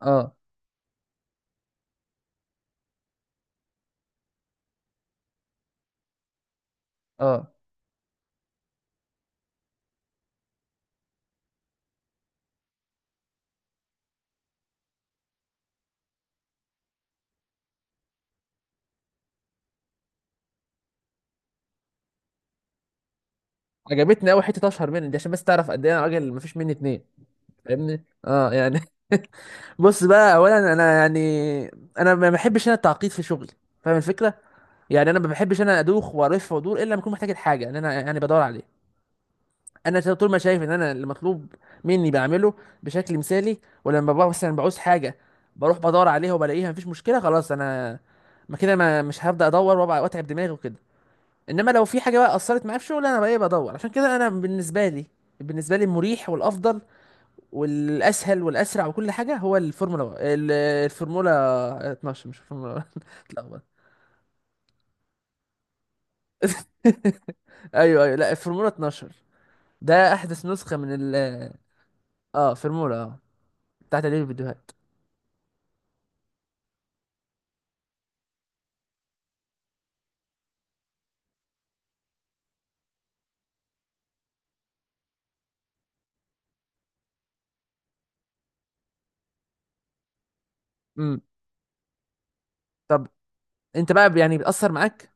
اه اه عجبتني قوي حته اشهر مني دي عشان بس تعرف قد ايه انا راجل مفيش مني اتنين. فاهمني يعني. بص بقى اولا انا ما بحبش التعقيد في شغلي، فاهم الفكره. يعني انا ما بحبش ادوخ والف وادور الا لما اكون محتاج الحاجه ان انا يعني بدور عليه. انا طول ما شايف ان انا المطلوب مني بعمله بشكل مثالي. ولما ببقى مثلا بعوز حاجه بروح بدور عليها وبلاقيها، مفيش مشكله خلاص. انا ما كده ما مش هبدا ادور واتعب دماغي وكده. انما لو في حاجه بقى اثرت معايا في شغل انا بقى ايه بدور. عشان كده انا بالنسبه لي، المريح والافضل والاسهل والاسرع وكل حاجه هو الفورمولا 12، مش الفورمولا. اتلخبط. ايوه ايوه، لا الفورمولا 12، ده احدث نسخه من ال اه فورمولا. اه بتاعت تقليل الفيديوهات. امم طب انت بقى يعني بيأثر معاك؟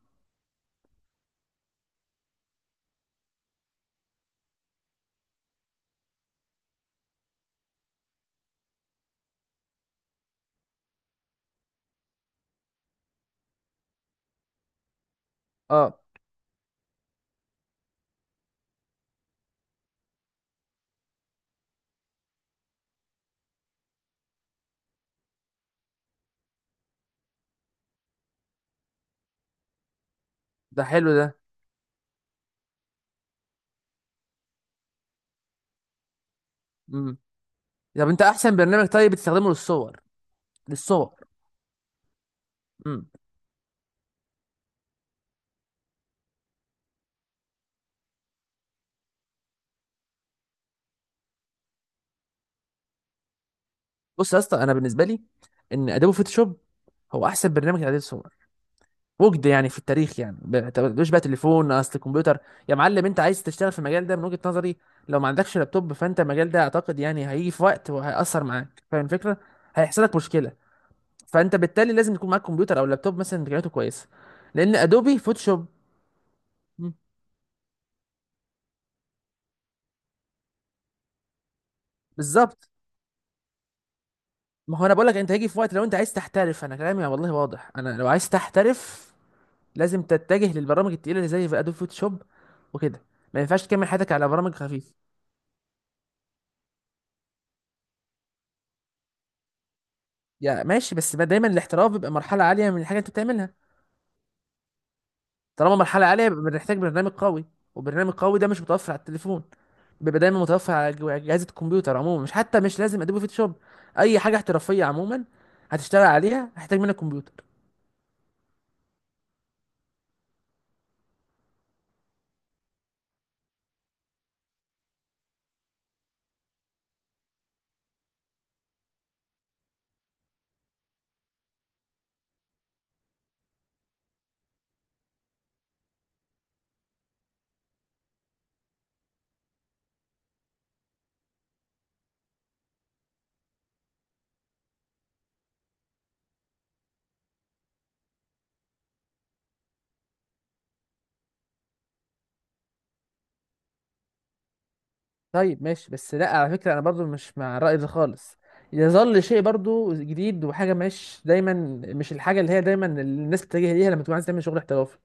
اه ده حلو ده. امم طب انت احسن برنامج طيب بتستخدمه للصور؟ للصور بص يا اسطى، انا بالنسبه لي ان ادوبي فوتوشوب هو احسن برنامج لتعديل الصور وجد يعني في التاريخ. يعني ما تقولوش بقى تليفون اصل الكمبيوتر يا معلم. انت عايز تشتغل في المجال ده من وجهه نظري؟ لو ما عندكش لابتوب، فانت المجال ده اعتقد يعني هيجي في وقت وهيأثر معاك، فاهم الفكره، هيحصل لك مشكله. فانت بالتالي لازم يكون معاك كمبيوتر او لابتوب مثلا امكانياته كويسه، لان ادوبي فوتوشوب. مم. بالظبط، ما هو انا بقول لك، انت هيجي في وقت لو انت عايز تحترف. انا كلامي والله واضح، انا لو عايز تحترف لازم تتجه للبرامج التقيله اللي زي ادوبي فوتوشوب وكده. ما ينفعش تكمل حياتك على برامج خفيفه. يا ماشي، بس ما دايما الاحتراف بيبقى مرحله عاليه من الحاجه اللي انت بتعملها. طالما مرحله عاليه بيبقى بنحتاج برنامج قوي، وبرنامج قوي ده مش متوفر على التليفون، بيبقى دايما متوفر على اجهزه الكمبيوتر عموما. مش حتى مش لازم ادوبي فوتوشوب، اي حاجه احترافيه عموما هتشتغل عليها هتحتاج منك كمبيوتر. طيب ماشي، بس لا على فكرة انا برضو مش مع الرأي ده خالص. يظل شيء برضو جديد، وحاجة مش دايما، مش الحاجة اللي هي دايما الناس بتتجه ليها لما تكون عايز تعمل شغل احترافي.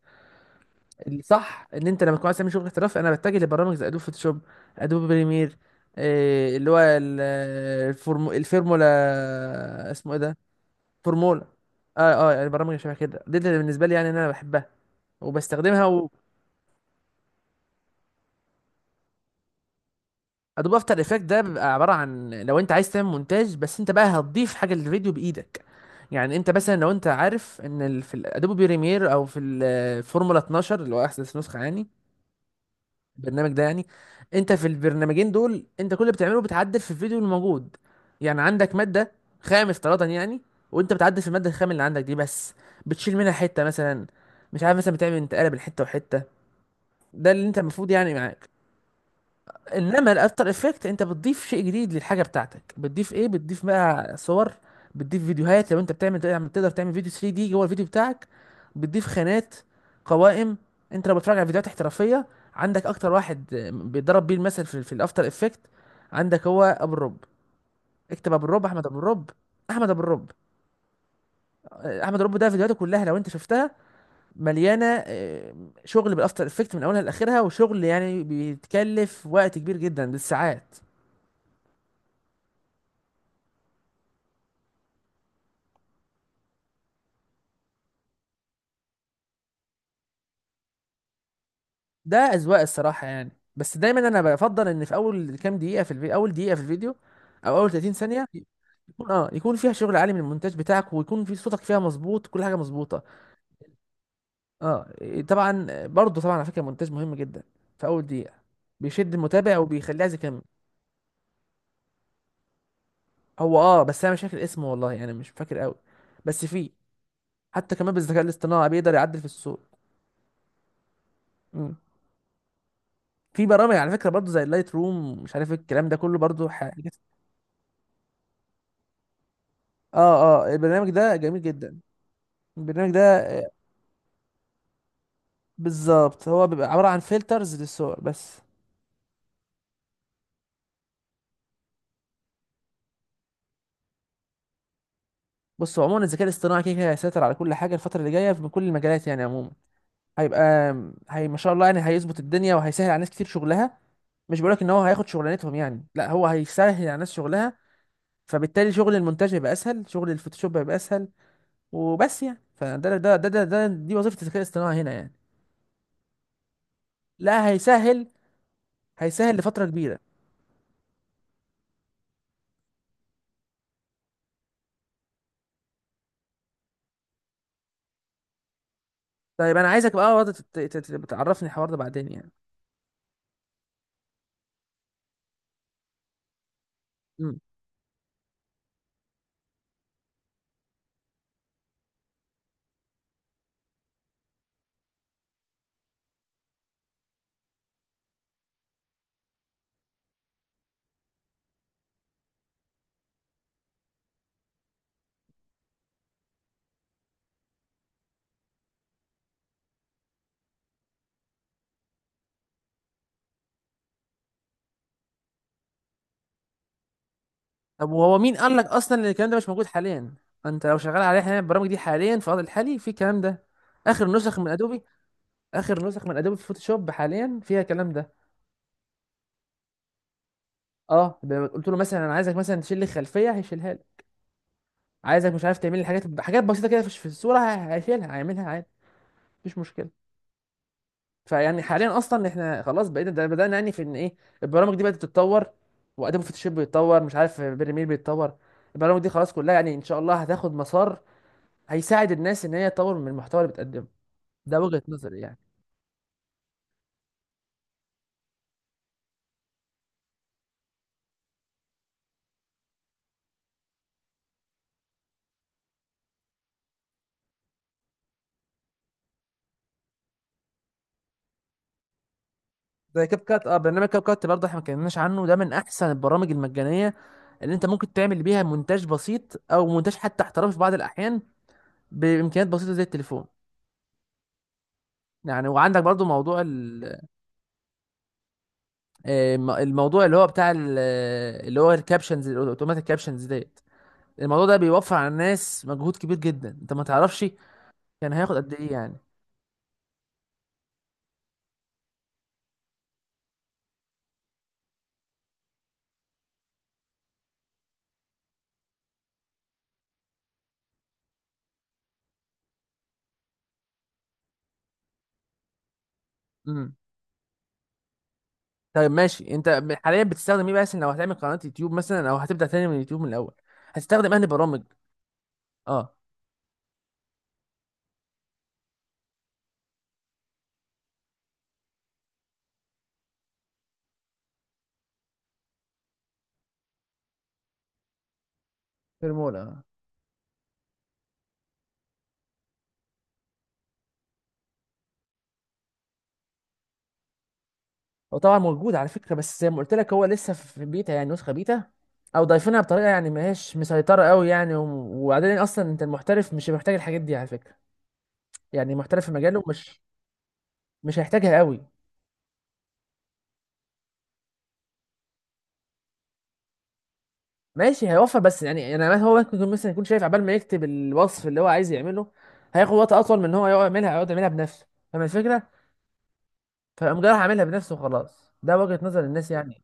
الصح ان انت لما تكون عايز تعمل شغل احترافي انا بتجه لبرامج زي ادوب فوتوشوب، ادوب بريمير. إيه اللي هو الفورمولا اسمه ايه ده؟ فورمولا. اه اه يعني برامج شبه كده، دي اللي بالنسبة لي يعني إن انا بحبها وبستخدمها. ادوب افتر افكت ده بيبقى عباره عن لو انت عايز تعمل مونتاج بس انت بقى هتضيف حاجه للفيديو بايدك. يعني انت مثلا لو انت عارف ان في الادوبي بريمير او في الفورمولا 12، اللي هو احدث نسخه يعني. البرنامج ده يعني، انت في البرنامجين دول انت كل اللي بتعمله بتعدل في الفيديو الموجود. يعني عندك ماده خام افتراضا يعني، وانت بتعدل في الماده الخام اللي عندك دي بس. بتشيل منها حته مثلا، مش عارف مثلا بتعمل انتقاله بين حته وحته، ده اللي انت المفروض يعني معاك. انما الافتر افكت انت بتضيف شيء جديد للحاجه بتاعتك. بتضيف ايه؟ بتضيف بقى صور، بتضيف فيديوهات. لو انت بتعمل تقدر تعمل فيديو 3 دي جوه الفيديو بتاعك. بتضيف خانات، قوائم. انت لو بتتفرج على فيديوهات احترافيه، عندك اكتر واحد بيضرب بيه المثل في الافتر افكت عندك هو ابو الرب. اكتب ابو الرب، احمد ابو الرب. احمد ابو الرب. احمد ابو الرب ده فيديوهاته كلها لو انت شفتها مليانه شغل بالافتر افكت من اولها لاخرها، وشغل يعني بيتكلف وقت كبير جدا بالساعات. ده اذواق الصراحه يعني، بس دايما انا بفضل ان في اول كام دقيقه في الفيديو، اول دقيقه في الفيديو او اول 30 ثانيه يكون يكون فيها شغل عالي من المونتاج بتاعك، ويكون في صوتك فيها مظبوط، كل حاجه مظبوطه. اه إيه، طبعا برضه طبعا على فكره المونتاج مهم جدا في اول دقيقه، بيشد المتابع وبيخليه عايز يكمل. هو اه بس انا مش فاكر اسمه والله، يعني مش فاكر قوي. بس في حتى كمان بالذكاء الاصطناعي بيقدر يعدل في الصوت. مم. في برامج على فكره برضه زي اللايت روم، مش عارف إيه الكلام ده كله برضه اه البرنامج ده جميل جدا. البرنامج ده بالظبط هو بيبقى عبارة عن فلترز للصور بس. بص عموما الذكاء الاصطناعي كده كده هيسيطر على كل حاجة الفترة اللي جاية من كل المجالات يعني عموما. هيبقى هي ما شاء الله يعني هيظبط الدنيا وهيسهل على ناس كتير شغلها، مش بقولك ان هو هياخد شغلانتهم يعني، لا هو هيسهل على ناس شغلها. فبالتالي شغل المونتاج هيبقى اسهل، شغل الفوتوشوب هيبقى اسهل. وبس يعني، فده ده ده ده, ده دي وظيفة الذكاء الاصطناعي هنا يعني. لا هيسهل، هيسهل لفترة كبيرة. طيب انا عايزك بقى برضه تعرفني الحوار ده بعدين يعني. طب وهو مين قال لك اصلا ان الكلام ده مش موجود حاليا؟ انت لو شغال عليه حاليا، البرامج دي حاليا في الوضع الحالي في الكلام ده. اخر نسخ من ادوبي، اخر نسخ من ادوبي في فوتوشوب حاليا فيها الكلام ده. اه قلت له مثلا انا عايزك مثلا تشيل لي الخلفيه، هيشيلها لي. عايزك مش عارف تعمل لي حاجات، حاجات بسيطه كده في في الصوره هيشيلها، هيعملها عادي، مفيش مشكله. فيعني حاليا اصلا احنا خلاص بقينا ده بدانا يعني في ان ايه. البرامج دي بدات تتطور، وادوبي فوتوشوب بيتطور، مش عارف بريمير بيتطور. البرامج دي خلاص كلها يعني ان شاء الله هتاخد مسار هيساعد الناس ان هي تطور من المحتوى اللي بتقدمه. ده وجهة نظري يعني. زي كاب كات، اه برنامج كاب كات برضه احنا ما اتكلمناش عنه، ده من احسن البرامج المجانيه اللي انت ممكن تعمل بيها مونتاج بسيط او مونتاج حتى احترافي في بعض الاحيان بامكانيات بسيطه زي التليفون يعني. وعندك برضه موضوع الموضوع اللي هو بتاع اللي هو الكابشنز الاوتوماتيك كابشنز ديت. الموضوع ده بيوفر على الناس مجهود كبير جدا، انت ما تعرفش كان هياخد قد ايه يعني. طيب ماشي، انت حاليا بتستخدم ايه؟ بس لو هتعمل قناة يوتيوب مثلا او هتبدأ تاني من اليوتيوب من الاول، هتستخدم انهي برامج؟ اه فيرمولا. هو طبعا موجود على فكرة، بس زي ما قلت لك هو لسه في بيتا يعني نسخة بيتا، او ضايفينها بطريقة يعني ما هيش مسيطرة قوي يعني. وبعدين اصلا انت المحترف مش محتاج الحاجات دي على فكرة. يعني محترف في مجاله مش هيحتاجها قوي. ماشي هيوفر، بس يعني انا هو ممكن يكون مثلا يكون شايف عبال ما يكتب الوصف اللي هو عايز يعمله هياخد وقت اطول من ان هو يقعد يعملها بنفسه، فاهم الفكرة. فقام جاي راح عاملها بنفسه وخلاص، ده وجهة نظر الناس يعني.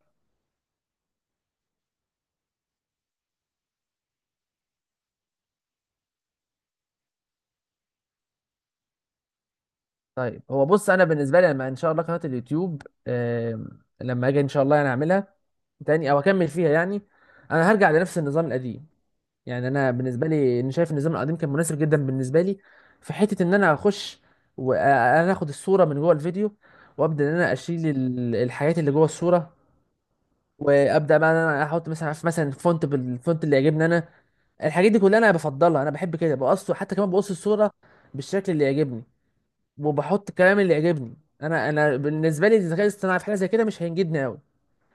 طيب هو بص انا بالنسبه لي لما ان شاء الله قناه اليوتيوب، لما اجي ان شاء الله انا اعملها تاني او اكمل فيها يعني، انا هرجع لنفس النظام القديم. يعني انا بالنسبه لي انا شايف النظام القديم كان مناسب جدا بالنسبه لي، في حته ان انا اخش وانا اخد الصوره من جوه الفيديو، وابدا ان انا اشيل الحاجات اللي جوه الصوره. وابدا بقى ان انا احط مثلا، عارف مثلا فونت بالفونت اللي يعجبني انا. الحاجات دي كلها انا بفضلها. انا بحب كده بقص، حتى كمان بقص الصوره بالشكل اللي يعجبني، وبحط الكلام اللي يعجبني انا. انا بالنسبه لي الذكاء الاصطناعي في حاجه زي كده مش هينجدني قوي،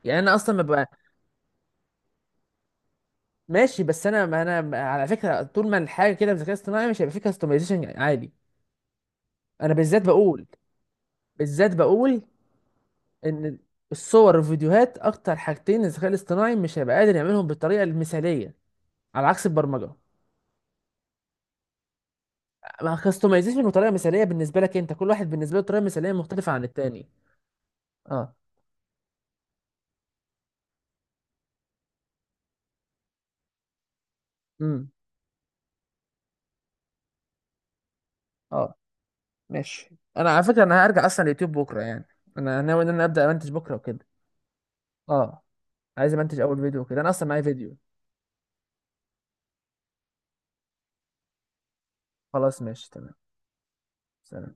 يعني انا اصلا ببقى... ماشي بس انا ما انا على فكره طول ما الحاجه كده بالذكاء الاصطناعي مش هيبقى فيه كاستمايزيشن عادي. انا بالذات بقول ان الصور والفيديوهات اكتر حاجتين الذكاء الاصطناعي مش هيبقى قادر يعملهم بالطريقه المثاليه، على عكس البرمجه. ما كاستمايزيشن وطريقه مثاليه بالنسبه لك، انت كل واحد بالنسبه له طريقه مثاليه مختلفه عن التاني. اه. امم اه ماشي. انا على فكره انا هرجع اصلا اليوتيوب بكره يعني. انا ناوي ان انا ابدا امنتج بكره وكده. اه عايز امنتج اول فيديو وكده، انا اصلا معايا فيديو. خلاص ماشي تمام. سلام.